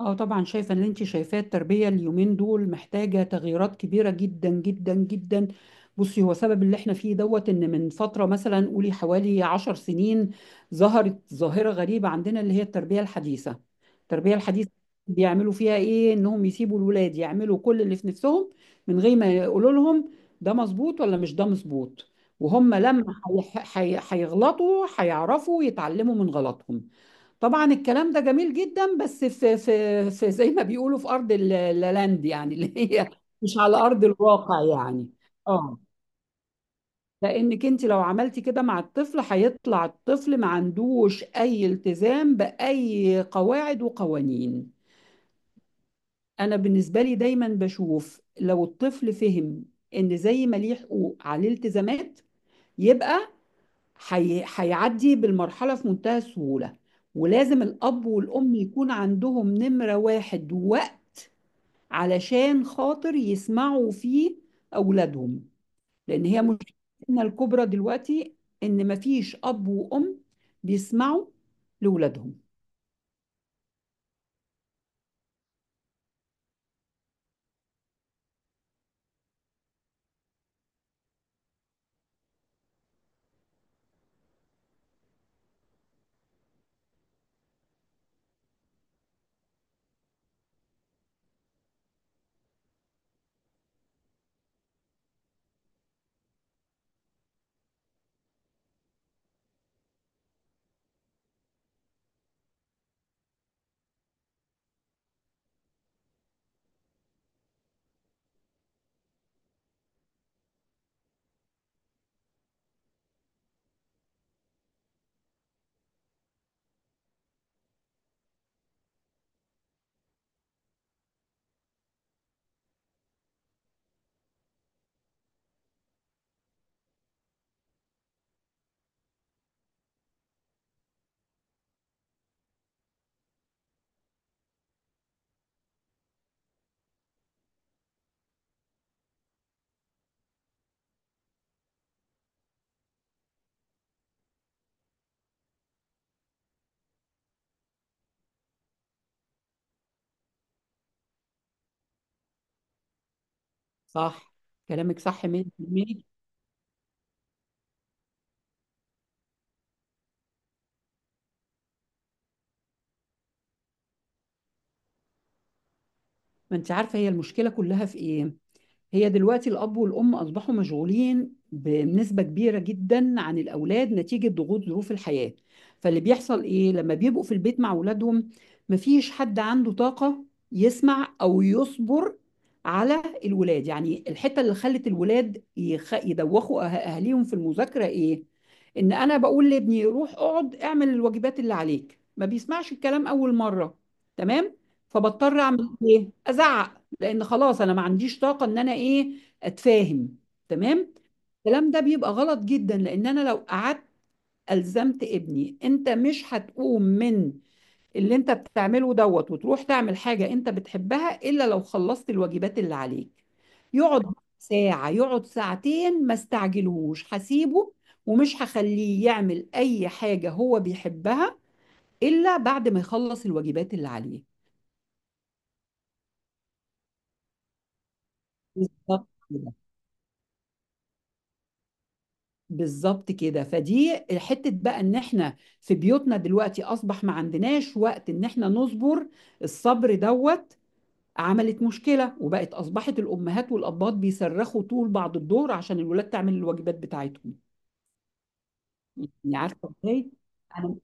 اه، طبعا شايفه ان انت شايفاه التربيه اليومين دول محتاجه تغييرات كبيره جدا جدا جدا. بصي، هو سبب اللي احنا فيه دوت ان من فتره، مثلا قولي حوالي 10 سنين، ظهرت ظاهره غريبه عندنا اللي هي التربيه الحديثه بيعملوا فيها ايه؟ انهم يسيبوا الولاد يعملوا كل اللي في نفسهم من غير ما يقولوا لهم ده مظبوط ولا مش ده مظبوط، وهم لما هيغلطوا هيعرفوا يتعلموا من غلطهم. طبعا الكلام ده جميل جدا، بس في زي ما بيقولوا في ارض اللاند يعني، اللي هي مش على ارض الواقع يعني. اه، لانك انت لو عملتي كده مع الطفل هيطلع الطفل ما عندوش اي التزام باي قواعد وقوانين. انا بالنسبه لي دايما بشوف لو الطفل فهم ان زي ما ليه حقوق عليه التزامات، يبقى هيعدي بالمرحلة في منتهى السهولة. ولازم الأب والأم يكون عندهم نمرة 1 وقت، علشان خاطر يسمعوا فيه أولادهم. لأن هي مشكلتنا الكبرى دلوقتي إن مفيش أب وأم بيسمعوا لأولادهم. صح، كلامك صح 100%. ما أنت عارفة هي المشكلة كلها في إيه؟ هي دلوقتي الأب والأم أصبحوا مشغولين بنسبة كبيرة جدا عن الأولاد نتيجة ضغوط ظروف الحياة. فاللي بيحصل إيه لما بيبقوا في البيت مع أولادهم؟ مفيش حد عنده طاقة يسمع أو يصبر على الولاد. يعني الحتة اللي خلت الولاد يدوخوا أهاليهم في المذاكرة إيه؟ إن أنا بقول لابني روح اقعد اعمل الواجبات اللي عليك، ما بيسمعش الكلام أول مرة، تمام، فبضطر أعمل إيه؟ أزعق، لان خلاص انا ما عنديش طاقه ان انا ايه، اتفاهم، تمام. الكلام ده بيبقى غلط جدا، لان انا لو قعدت الزمت ابني انت مش هتقوم من اللي انت بتعمله دوت وتروح تعمل حاجة انت بتحبها الا لو خلصت الواجبات اللي عليك، يقعد ساعة يقعد ساعتين، ما استعجلهوش، هسيبه ومش هخليه يعمل اي حاجة هو بيحبها الا بعد ما يخلص الواجبات اللي عليه. بالظبط كده. بالظبط كده، فدي حتة بقى ان احنا في بيوتنا دلوقتي اصبح ما عندناش وقت ان احنا نصبر. الصبر دوت عملت مشكلة، وبقت اصبحت الامهات والابات بيصرخوا طول بعد الظهر عشان الولاد تعمل الواجبات بتاعتهم. يعني عارفة ازاي؟ انا،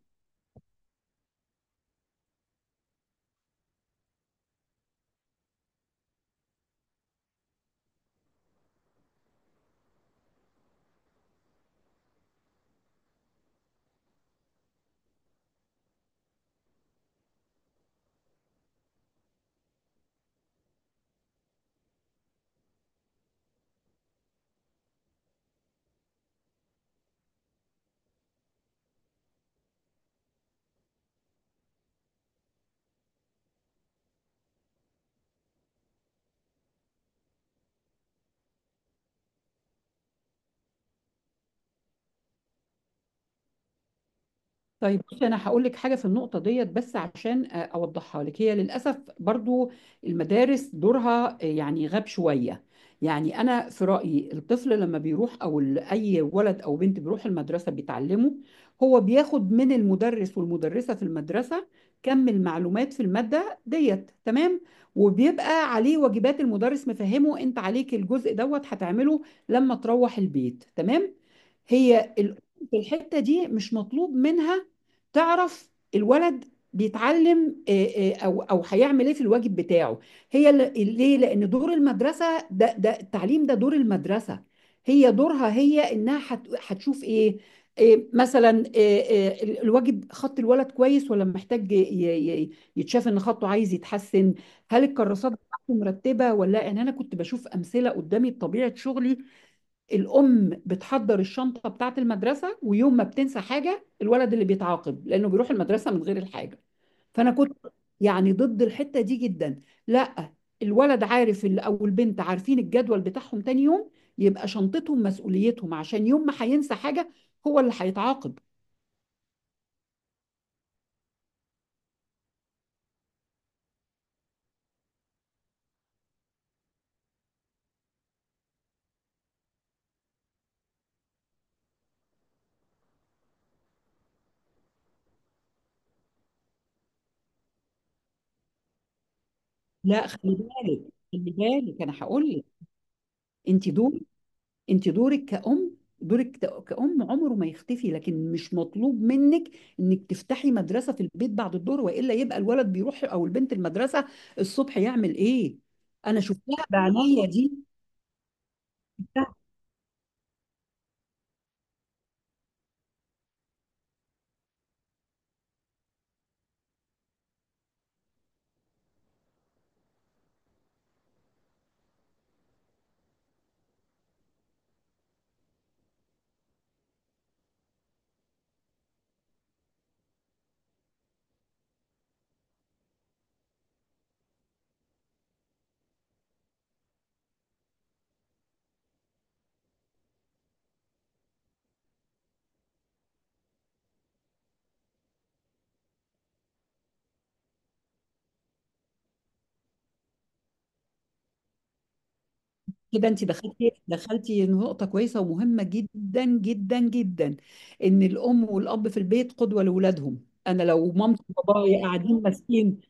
طيب بصي، انا هقول لك حاجه في النقطه ديت، بس عشان اوضحها لك. هي للاسف برضو المدارس دورها يعني غاب شويه. يعني انا في رايي الطفل لما بيروح، او اي ولد او بنت بيروح المدرسه بيتعلمه، هو بياخد من المدرس والمدرسه في المدرسه كم المعلومات في الماده ديت، تمام؟ وبيبقى عليه واجبات، المدرس مفهمه انت عليك الجزء دوت هتعمله لما تروح البيت، تمام؟ هي الأم في الحتة دي مش مطلوب منها تعرف الولد بيتعلم او هيعمل ايه في الواجب بتاعه. هي ليه؟ لان دور المدرسة ده التعليم، ده دور المدرسة. هي دورها هي انها هتشوف ايه؟ مثلا الواجب، خط الولد كويس ولا محتاج يتشاف ان خطه عايز يتحسن، هل الكراسات بتاعته مرتبه ولا لا. يعني انا كنت بشوف امثله قدامي بطبيعه شغلي. الأم بتحضر الشنطة بتاعة المدرسة، ويوم ما بتنسى حاجة، الولد اللي بيتعاقب لأنه بيروح المدرسة من غير الحاجة، فأنا كنت يعني ضد الحتة دي جدا. لا، الولد عارف أو البنت عارفين الجدول بتاعهم تاني يوم، يبقى شنطتهم مسؤوليتهم، عشان يوم ما هينسى حاجة هو اللي هيتعاقب. لا، خلي بالك، خلي بالك أنا هقول لك، أنت دول انت دورك كأم، دورك كأم عمره ما يختفي، لكن مش مطلوب منك انك تفتحي مدرسة في البيت بعد الظهر، والا يبقى الولد بيروح او البنت المدرسة الصبح يعمل ايه؟ انا شفتها بعناية دي، شفتها. كده انت دخلتي نقطة كويسة ومهمة جدا جدا جدا، ان الام والاب في البيت قدوة لاولادهم. انا لو مامتي وبابايا قاعدين ماسكين،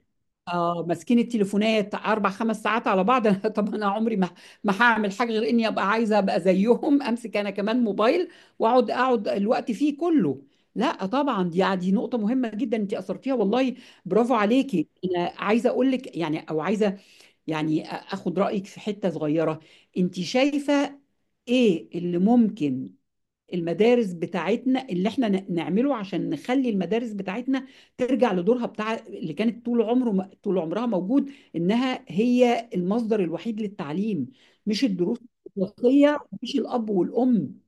اه، ماسكين التليفونات 4 5 ساعات على بعض، أنا طب انا عمري ما هعمل حاجه غير اني ابقى عايزه ابقى زيهم، امسك انا كمان موبايل واقعد الوقت فيه كله. لا طبعا، دي نقطه مهمه جدا انت اثرتيها والله، برافو عليكي. انا عايزه اقول لك يعني، او عايزه يعني اخد رايك في حته صغيره. انت شايفه ايه اللي ممكن المدارس بتاعتنا اللي احنا نعمله عشان نخلي المدارس بتاعتنا ترجع لدورها بتاع اللي كانت طول عمره، طول عمرها موجود، انها هي المصدر الوحيد للتعليم، مش الدروس، الوصية، مش الاب والام.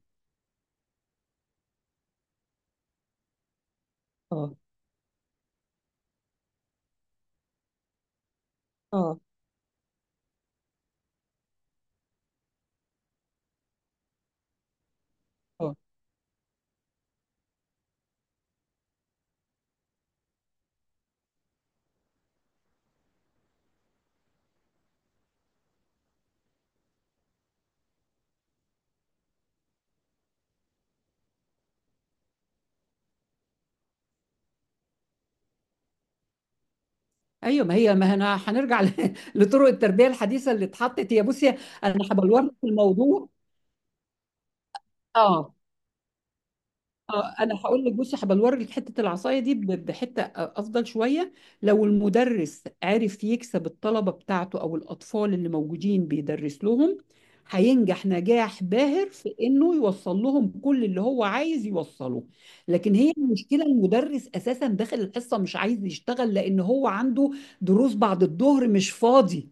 اه، اه، اه. ايوه، ما هي، ما انا هنرجع لطرق التربيه الحديثه اللي اتحطت. هي، بصي انا هبلور في الموضوع. اه، اه، انا هقول لك، بصي، هبقى اوريك حته العصايه دي بحته افضل شويه. لو المدرس عرف يكسب الطلبه بتاعته او الاطفال اللي موجودين بيدرس لهم، هينجح نجاح باهر في انه يوصل لهم كل اللي هو عايز يوصله. لكن هي المشكله، المدرس اساسا داخل الحصه مش عايز يشتغل، لان هو عنده دروس بعد الظهر، مش فاضي،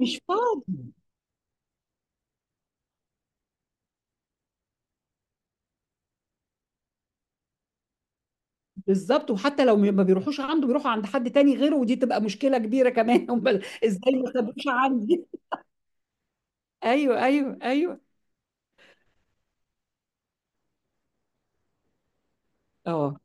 مش فاضي. بالظبط، وحتى لو ما بيروحوش عنده بيروحوا عند حد تاني غيره، ودي تبقى مشكلة كبيرة كمان. امال ازاي ما سابوش عندي؟ ايوه، ايوه، ايوه. اه.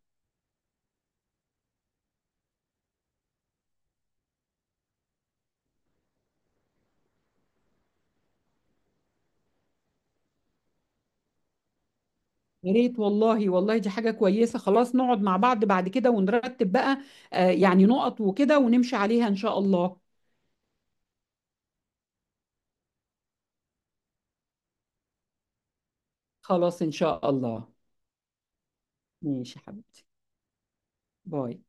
يا ريت والله، والله دي حاجة كويسة، خلاص نقعد مع بعض بعد كده ونرتب بقى، آه، يعني نقط وكده ونمشي عليها ان شاء الله. خلاص ان شاء الله. ماشي يا حبيبتي. باي.